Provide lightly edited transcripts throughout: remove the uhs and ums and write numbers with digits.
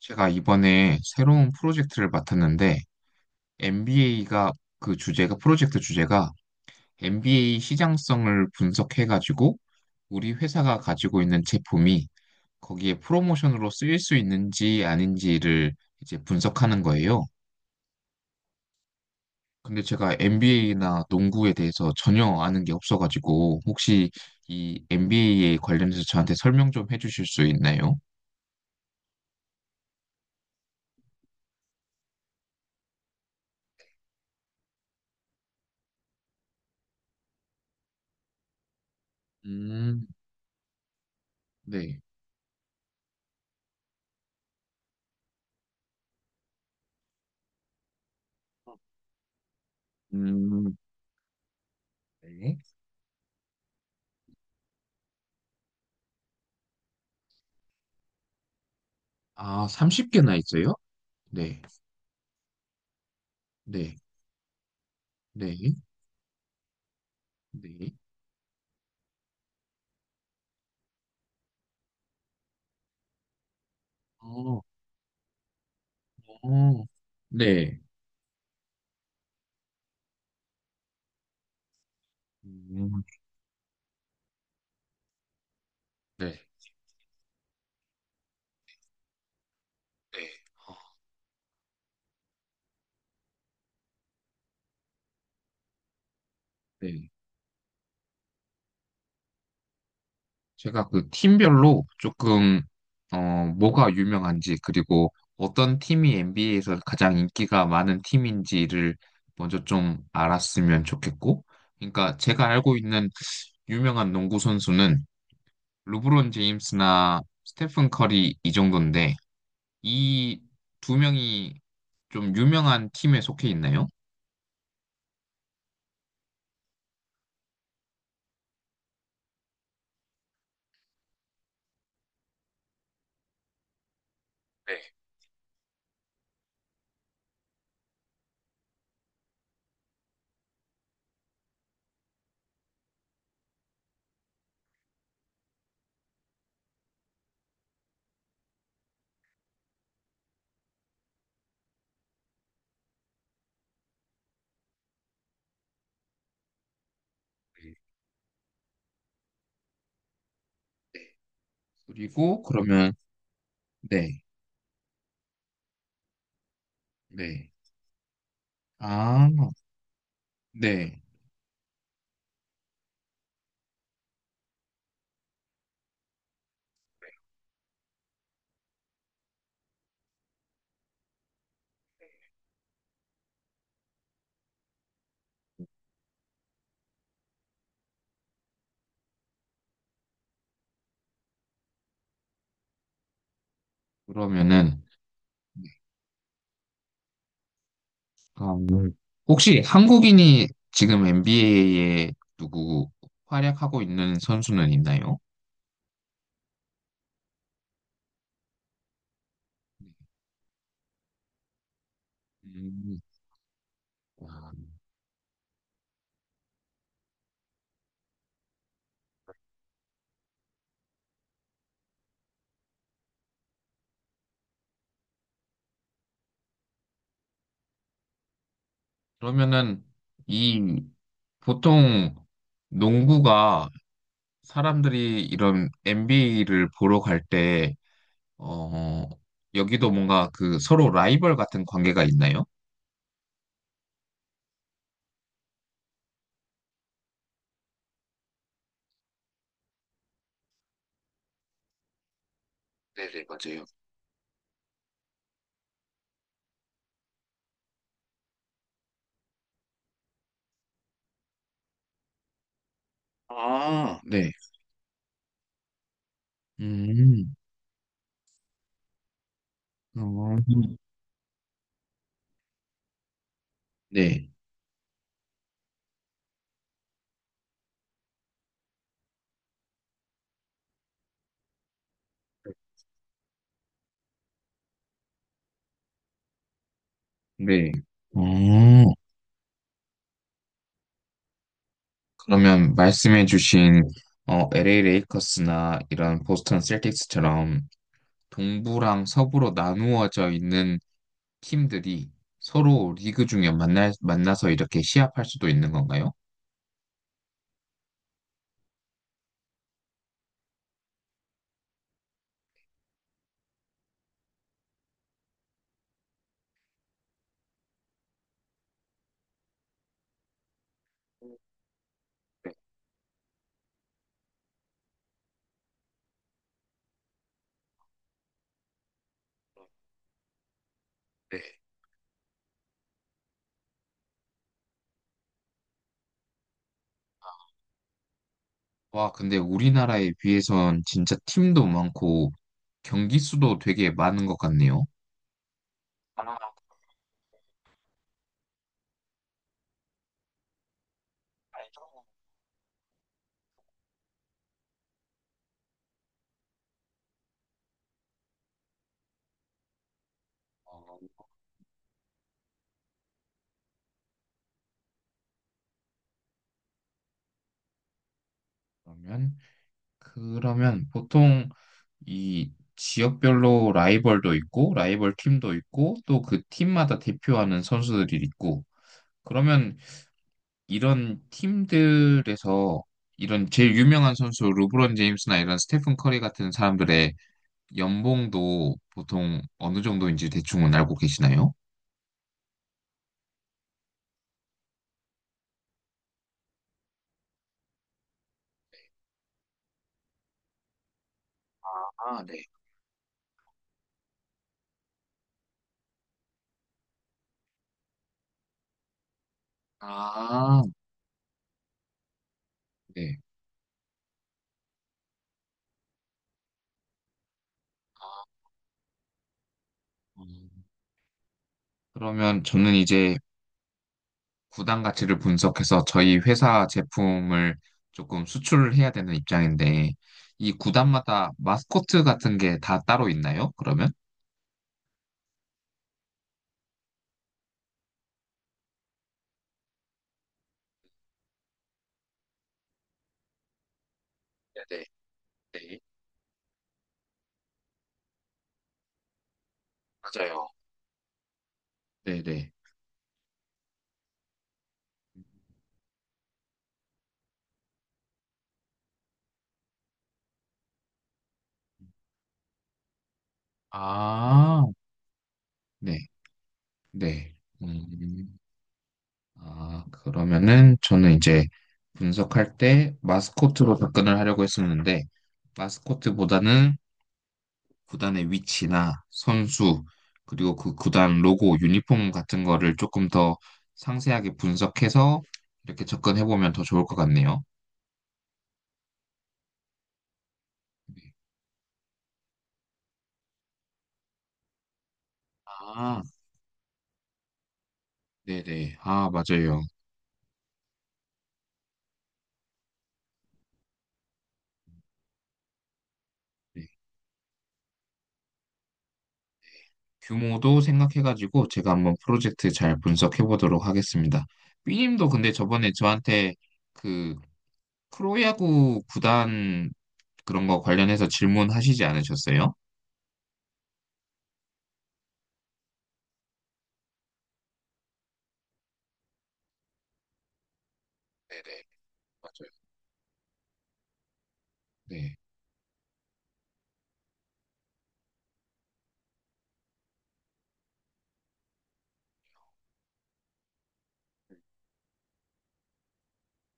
제가 이번에 새로운 프로젝트를 맡았는데 MBA가 그 주제가 프로젝트 주제가 MBA 시장성을 분석해가지고 우리 회사가 가지고 있는 제품이 거기에 프로모션으로 쓰일 수 있는지 아닌지를 이제 분석하는 거예요. 근데 제가 MBA나 농구에 대해서 전혀 아는 게 없어가지고, 혹시 이 MBA에 관련해서 저한테 설명 좀 해주실 수 있나요? 음, 네. 음, 네. 아, 30개나 있어요? 네, 네, 네, 네. 어, 어, 네. 음, 네, 네, 어, 네. 제가 그 팀별로 조금, 어, 뭐가 유명한지, 그리고 어떤 팀이 NBA에서 가장 인기가 많은 팀인지를 먼저 좀 알았으면 좋겠고, 그러니까 제가 알고 있는 유명한 농구 선수는 르브론 제임스나 스테픈 커리 이 정도인데, 이 두 명이 좀 유명한 팀에 속해 있나요? 네. 네. 네. 그리고 그러면, 네, 네. 아, 네. 그러면은, 음, 혹시 한국인이 지금 NBA에 누구 활약하고 있는 선수는 있나요? 음, 와. 그러면은 이 보통 농구가 사람들이 이런 NBA를 보러 갈 때, 어, 여기도 뭔가 그 서로 라이벌 같은 관계가 있나요? 네네, 맞아요. 아, 네. 음, 어, 네, 네. 어, 그러면 말씀해주신 어, LA 레이커스나 이런 보스턴 셀틱스처럼 동부랑 서부로 나누어져 있는 팀들이 서로 리그 중에 만나서 이렇게 시합할 수도 있는 건가요? 네. 네. 와, 근데 우리나라에 비해선 진짜 팀도 많고 경기 수도 되게 많은 것 같네요. 아, 알죠. 어, 그러면 그러면 보통 이 지역별로 라이벌도 있고, 라이벌 팀도 있고, 또 그 팀마다 대표하는 선수들이 있고, 그러면 이런 팀들에서 이런 제일 유명한 선수 르브론 제임스나 이런 스테픈 커리 같은 사람들의 연봉도 보통 어느 정도인지 대충은 알고 계시나요? 아, 네. 아, 네. 아, 음, 그러면 저는 이제 구단 가치를 분석해서 저희 회사 제품을 조금 수출을 해야 되는 입장인데, 이 구단마다 마스코트 같은 게 다 따로 있나요, 그러면? 네네. 네. 맞아요. 네네. 아, 네, 네. 음, 아, 그러면은 저는 이제 분석할 때 마스코트로 접근을 하려고 했었는데, 마스코트보다는 구단의 위치나 선수, 그리고 그 구단 로고, 유니폼 같은 거를 조금 더 상세하게 분석해서 이렇게 접근해 보면 더 좋을 것 같네요. 네. 아, 네네. 아, 맞아요. 네. 규모도 생각해가지고 제가 한번 프로젝트 잘 분석해 보도록 하겠습니다. 삐님도 근데 저번에 저한테 그 프로야구 구단 그런 거 관련해서 질문하시지 않으셨어요? 네네, 맞아요. 네.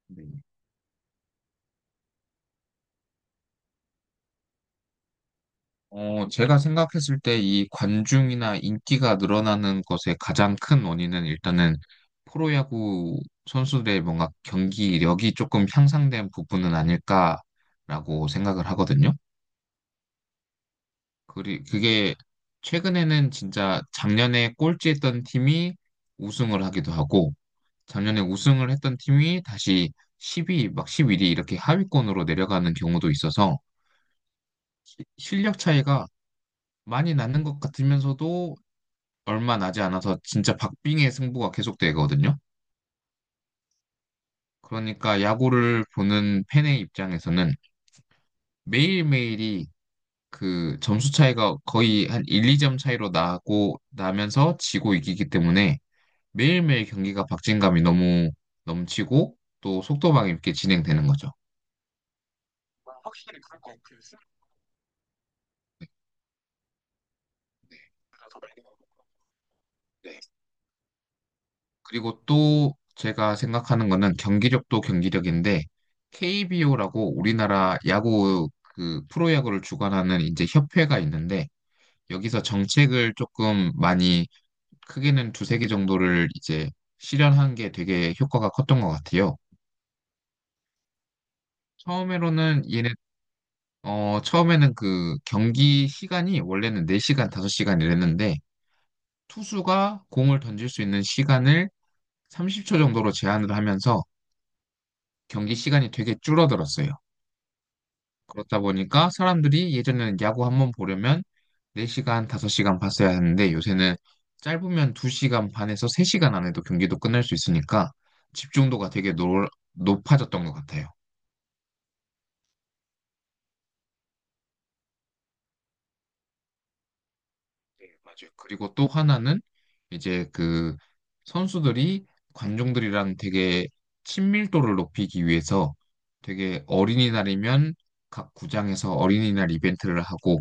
네. 어, 제가 생각했을 때 이 관중이나 인기가 늘어나는 것의 가장 큰 원인은 일단은 프로야구 선수들의 뭔가 경기력이 조금 향상된 부분은 아닐까라고 생각을 하거든요. 그리 그게 최근에는 진짜 작년에 꼴찌했던 팀이 우승을 하기도 하고 작년에 우승을 했던 팀이 다시 10위, 막 11위 이렇게 하위권으로 내려가는 경우도 있어서 실력 차이가 많이 나는 것 같으면서도 얼마 나지 않아서 진짜 박빙의 승부가 계속되거든요. 그러니까 야구를 보는 팬의 입장에서는 매일매일이 그 점수 차이가 거의 한 1, 2점 차이로 나고 나면서 지고 이기기 때문에 매일매일 경기가 박진감이 너무 넘치고 또 속도감 있게 진행되는 거죠. 확실히 그럴 것 같아요. 네. 네. 그리고 또 제가 생각하는 거는 경기력도 경기력인데, KBO라고 우리나라 야구 그 프로야구를 주관하는 이제 협회가 있는데 여기서 정책을 조금 많이, 크게는 두세 개 정도를 이제 실현한 게 되게 효과가 컸던 것 같아요. 처음으로는 얘네, 어, 처음에는 그 경기 시간이 원래는 4시간, 5시간 이랬는데 투수가 공을 던질 수 있는 시간을 30초 정도로 제한을 하면서 경기 시간이 되게 줄어들었어요. 그렇다 보니까 사람들이 예전에는 야구 한번 보려면 4시간, 5시간 봤어야 했는데 요새는 짧으면 2시간 반에서 3시간 안에도 경기도 끝날 수 있으니까 집중도가 되게 높아졌던 것 같아요. 네, 맞아요. 그리고 또 하나는 이제 그 선수들이 관중들이랑 되게 친밀도를 높이기 위해서, 되게 어린이날이면 각 구장에서 어린이날 이벤트를 하고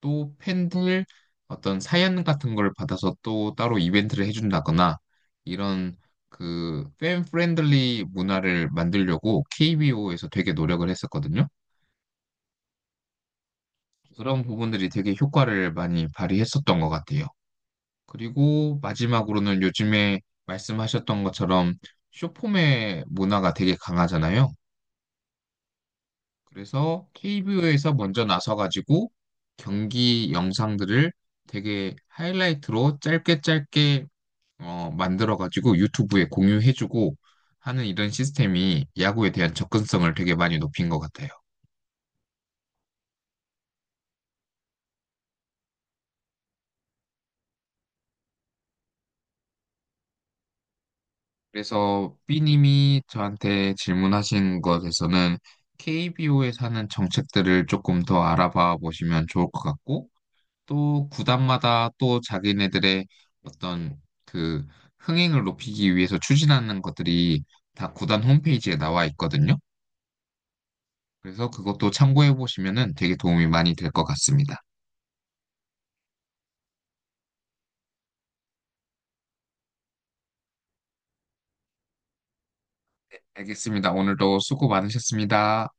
또 팬들 어떤 사연 같은 걸 받아서 또 따로 이벤트를 해준다거나 이런 그 팬 프렌들리 문화를 만들려고 KBO에서 되게 노력을 했었거든요. 그런 부분들이 되게 효과를 많이 발휘했었던 것 같아요. 그리고 마지막으로는 요즘에 말씀하셨던 것처럼 쇼폼의 문화가 되게 강하잖아요. 그래서 KBO에서 먼저 나서가지고 경기 영상들을 되게 하이라이트로 짧게 짧게 어, 만들어가지고 유튜브에 공유해주고 하는 이런 시스템이 야구에 대한 접근성을 되게 많이 높인 것 같아요. 그래서 B님이 저한테 질문하신 것에서는 KBO에 사는 정책들을 조금 더 알아봐 보시면 좋을 것 같고, 또 구단마다 또 자기네들의 어떤 그 흥행을 높이기 위해서 추진하는 것들이 다 구단 홈페이지에 나와 있거든요. 그래서 그것도 참고해 보시면은 되게 도움이 많이 될 것 같습니다. 알겠습니다. 오늘도 수고 많으셨습니다.